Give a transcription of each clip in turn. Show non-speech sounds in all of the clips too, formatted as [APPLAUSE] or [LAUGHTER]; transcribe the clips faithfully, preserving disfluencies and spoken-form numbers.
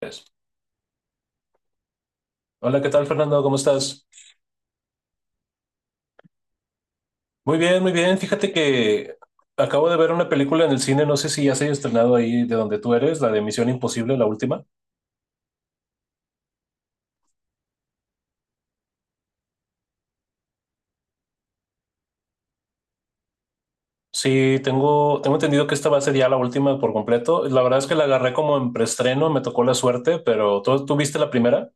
Pues, Hola, ¿qué tal, Fernando? ¿Cómo estás? Muy bien, muy bien. Fíjate que acabo de ver una película en el cine, no sé si ya se ha estrenado ahí de donde tú eres, la de Misión Imposible, la última. Sí, tengo, tengo entendido que esta va a ser ya la última por completo. La verdad es que la agarré como en preestreno, me tocó la suerte, pero ¿tú, tú viste la primera?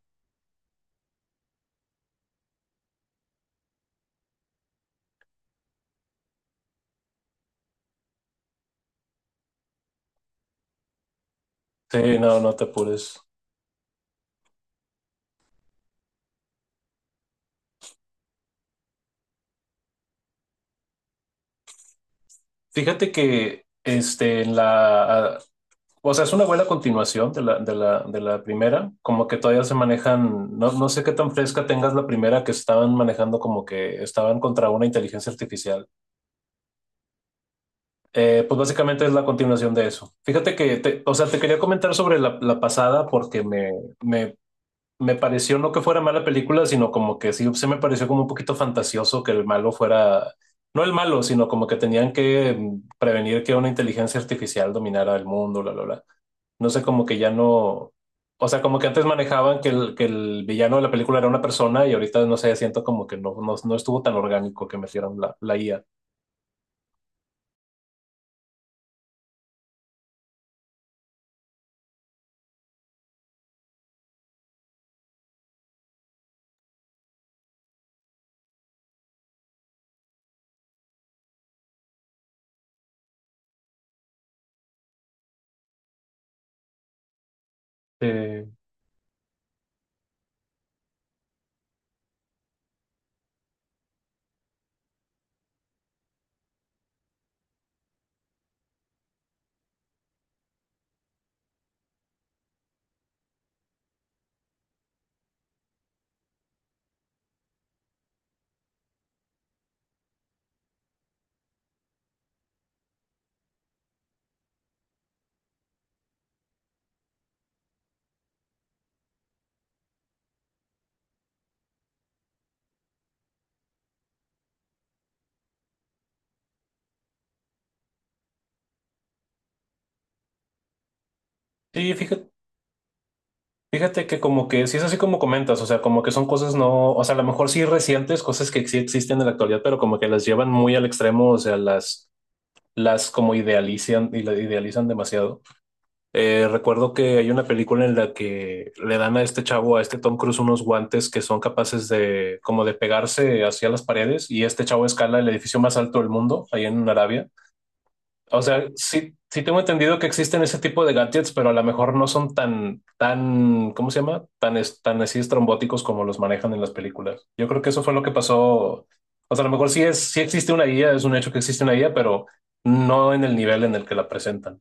Sí, no, no te apures. Fíjate que este, en la, O sea, es una buena continuación de la, de la, de la primera, como que todavía se manejan, no, no sé qué tan fresca tengas la primera que estaban manejando como que estaban contra una inteligencia artificial. Eh, pues básicamente es la continuación de eso. Fíjate que, te- o sea, te quería comentar sobre la, la pasada porque me, me me pareció no que fuera mala película, sino como que sí se me pareció como un poquito fantasioso que el malo fuera, no el malo, sino como que tenían que mm, prevenir que una inteligencia artificial dominara el mundo, bla, bla, bla. No sé, como que ya no, o sea, como que antes manejaban que el, que el villano de la película era una persona y ahorita no sé, siento como que no, no, no estuvo tan orgánico que metieran la, la I A. Eh, sí, fíjate, Fíjate que como que sí es así como comentas, o sea, como que son cosas no, o sea, a lo mejor sí recientes, cosas que sí existen en la actualidad, pero como que las llevan muy al extremo, o sea, las, las como idealizan y la idealizan demasiado. Eh, recuerdo que hay una película en la que le dan a este chavo, a este Tom Cruise, unos guantes que son capaces de como de pegarse hacia las paredes y este chavo escala el edificio más alto del mundo, ahí en Arabia. O sea, sí, sí tengo entendido que existen ese tipo de gadgets, pero a lo mejor no son tan, tan, ¿cómo se llama? Tan, es- tan así estrambóticos como los manejan en las películas. Yo creo que eso fue lo que pasó. O sea, a lo mejor sí es, sí existe una guía, es un hecho que existe una guía, pero no en el nivel en el que la presentan.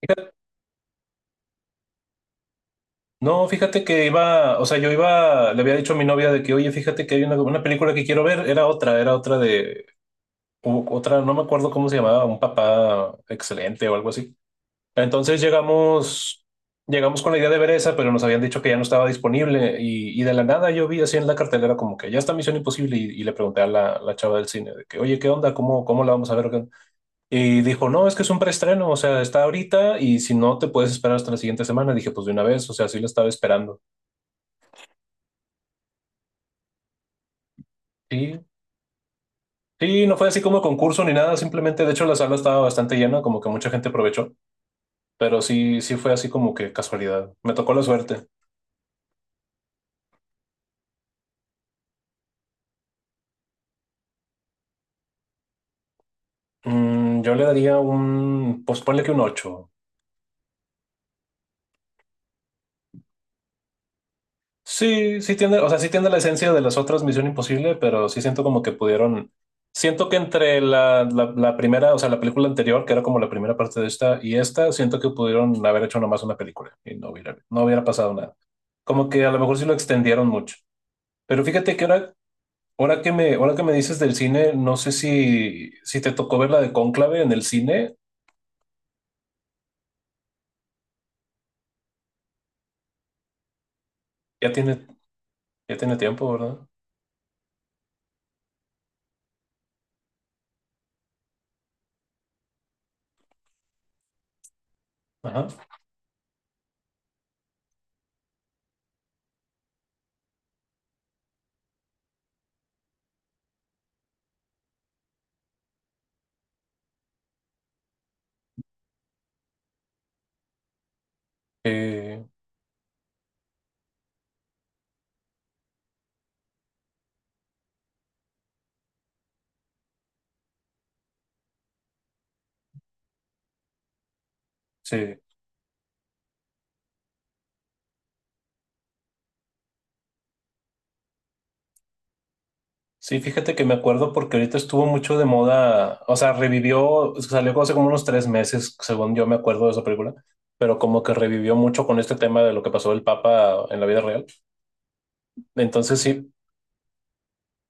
Fíjate- No, fíjate que iba, o sea, yo iba, le había dicho a mi novia de que, oye, fíjate que hay una, una película que quiero ver, era otra, era otra de, u- otra, no me acuerdo cómo se llamaba, un papá excelente o algo así. Entonces llegamos, Llegamos con la idea de ver esa, pero nos habían dicho que ya no estaba disponible y, y de la nada yo vi así en la cartelera como que ya está Misión Imposible y, y le pregunté a la, la chava del cine de que, oye, ¿qué onda? ¿Cómo, cómo la vamos a ver? Y dijo, no, es que es un preestreno, o sea, está ahorita y si no te puedes esperar hasta la siguiente semana. Dije, pues de una vez, o sea, sí la estaba esperando. Y sí, no fue así como concurso ni nada, simplemente, de hecho, la sala estaba bastante llena, como que mucha gente aprovechó, pero sí, sí fue así como que casualidad. Me tocó la suerte. Mm, yo le daría un, pues ponle que un ocho. Sí, sí tiene, o sea, sí tiene la esencia de las otras Misión Imposible, pero sí siento como que pudieron, siento que entre la, la, la primera, o sea, la película anterior, que era como la primera parte de esta, y esta, siento que pudieron haber hecho nomás una película y no hubiera, no hubiera pasado nada. Como que a lo mejor sí lo extendieron mucho. Pero fíjate que ahora, ahora que me, ahora que me dices del cine, no sé si, si te tocó ver la de Cónclave en el cine, ya tiene, ya tiene tiempo, ¿verdad? Ajá. Eh, sí. Sí, fíjate que me acuerdo porque ahorita estuvo mucho de moda, o sea, revivió, salió hace como unos tres meses, según yo me acuerdo de esa película, pero como que revivió mucho con este tema de lo que pasó el Papa en la vida real. Entonces sí,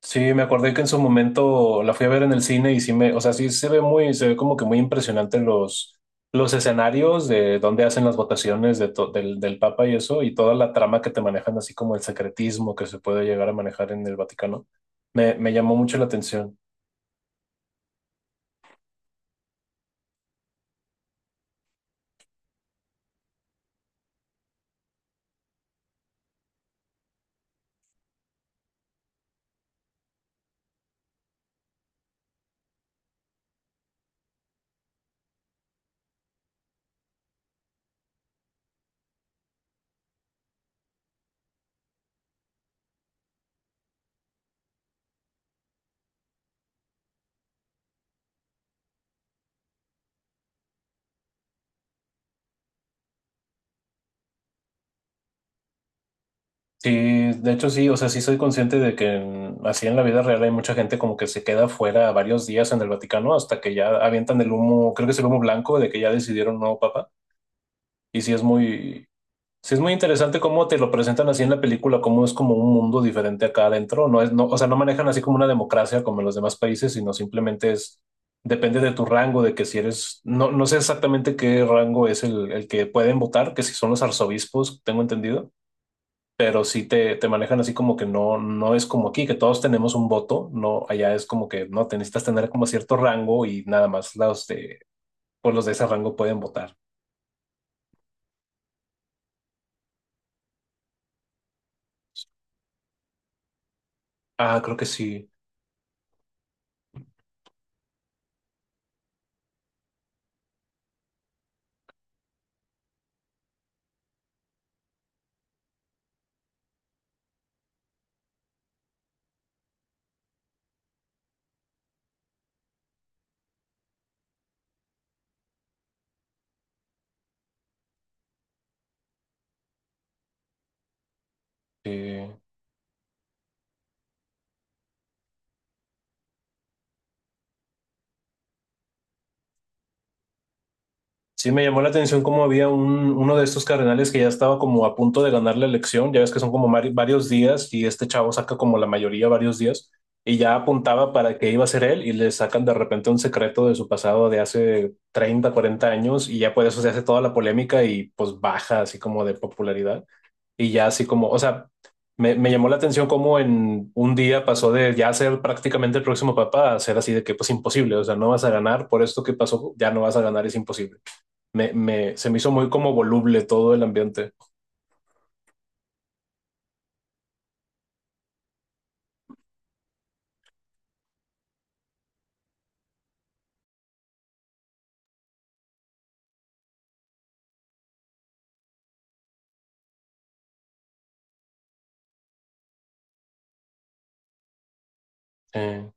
sí, me acordé que en su momento la fui a ver en el cine y sí me, o sea, sí se ve muy, se ve como que muy impresionante los, los escenarios de donde hacen las votaciones de to- del, del Papa y eso, y toda la trama que te manejan, así como el secretismo que se puede llegar a manejar en el Vaticano. Me, me llamó mucho la atención. Sí, de hecho sí, o sea, sí soy consciente de que en- así en la vida real hay mucha gente como que se queda fuera varios días en el Vaticano hasta que ya avientan el humo, creo que es el humo blanco de que ya decidieron no papa. Y sí es muy, sí es muy interesante cómo te lo presentan así en la película, cómo es como un mundo diferente acá adentro. No es, no, o sea, no manejan así como una democracia como en los demás países, sino simplemente es, depende de tu rango, de que si eres, no, no sé exactamente qué rango es el, el que pueden votar, que si son los arzobispos, tengo entendido pero sí te, te manejan así como que no, no es como aquí, que todos tenemos un voto, no, allá es como que no, te necesitas tener como cierto rango y nada más los de, pues los de ese rango pueden votar. Ah, creo que sí. Sí. Sí, me llamó la atención cómo había un, uno de estos cardenales que ya estaba como a punto de ganar la elección, ya ves que son como mari- varios días y este chavo saca como la mayoría varios días y ya apuntaba para que iba a ser él y le sacan de repente un secreto de su pasado de hace treinta, cuarenta años y ya por eso se hace toda la polémica y pues baja así como de popularidad y ya así como, o sea, me, me llamó la atención cómo en un día pasó de ya ser prácticamente el próximo papa a ser así de que pues imposible, o sea, no vas a ganar por esto que pasó, ya no vas a ganar, es imposible. me, me, se me hizo muy como voluble todo el ambiente eh,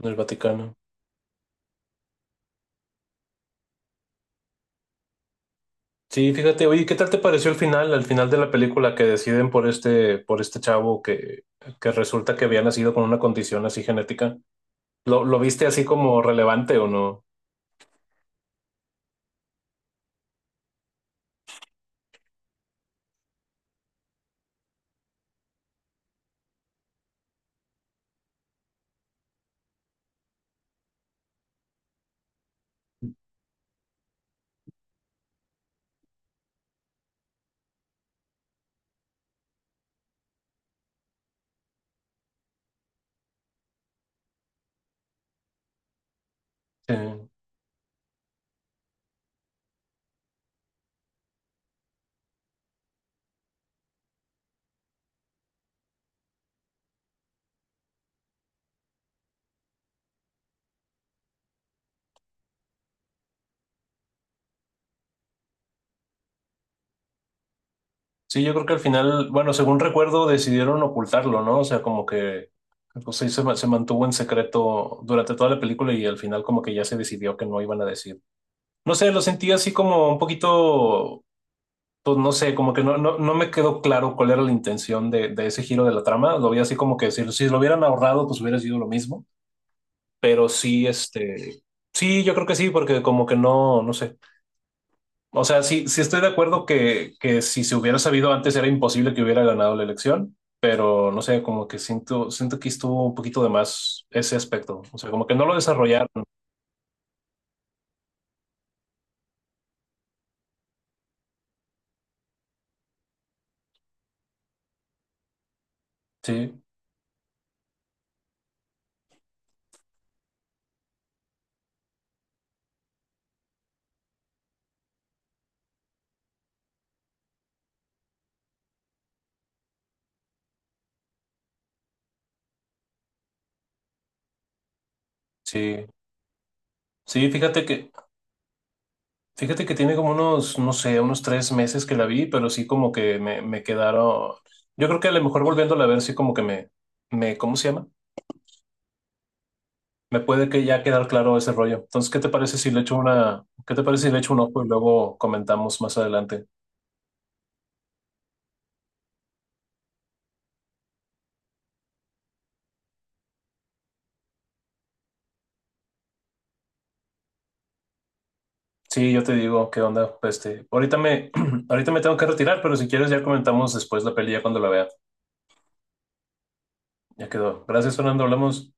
en el Vaticano. Sí, fíjate, oye, ¿qué tal te pareció el final, al final de la película que deciden por este, por este chavo que, que resulta que había nacido con una condición así genética? ¿Lo, lo viste así como relevante o no? Eh, sí, yo creo que al final, bueno, según recuerdo, decidieron ocultarlo, ¿no? O sea, como que pues, sí, se, ma- se mantuvo en secreto durante toda la película y al final como que ya se decidió que no iban a decir. No sé, lo sentí así como un poquito pues no sé, como que no, no, no me quedó claro cuál era la intención de, de ese giro de la trama. Lo vi así como que si, si lo hubieran ahorrado, pues hubiera sido lo mismo. Pero sí, este, sí, yo creo que sí, porque como que no, no sé. O sea, sí, sí estoy de acuerdo que, que si se hubiera sabido antes era imposible que hubiera ganado la elección, pero no sé, como que siento, siento que estuvo un poquito de más ese aspecto. O sea, como que no lo desarrollaron. Sí, sí. Sí, fíjate que Fíjate que tiene como unos, no sé, unos tres meses que la vi, pero sí como que me, me quedaron. Yo creo que a lo mejor volviéndola a ver, sí como que me, me, ¿cómo se llama? Me puede que ya quedar claro ese rollo. Entonces, ¿qué te parece si le echo una, qué te parece si le echo un ojo y luego comentamos más adelante? Sí, yo te digo, ¿qué onda? Pues, Este, ahorita me, [CLEARS THROAT] ahorita me tengo que retirar, pero si quieres ya comentamos después la peli ya cuando la vea. Ya quedó. Gracias, Fernando, hablamos.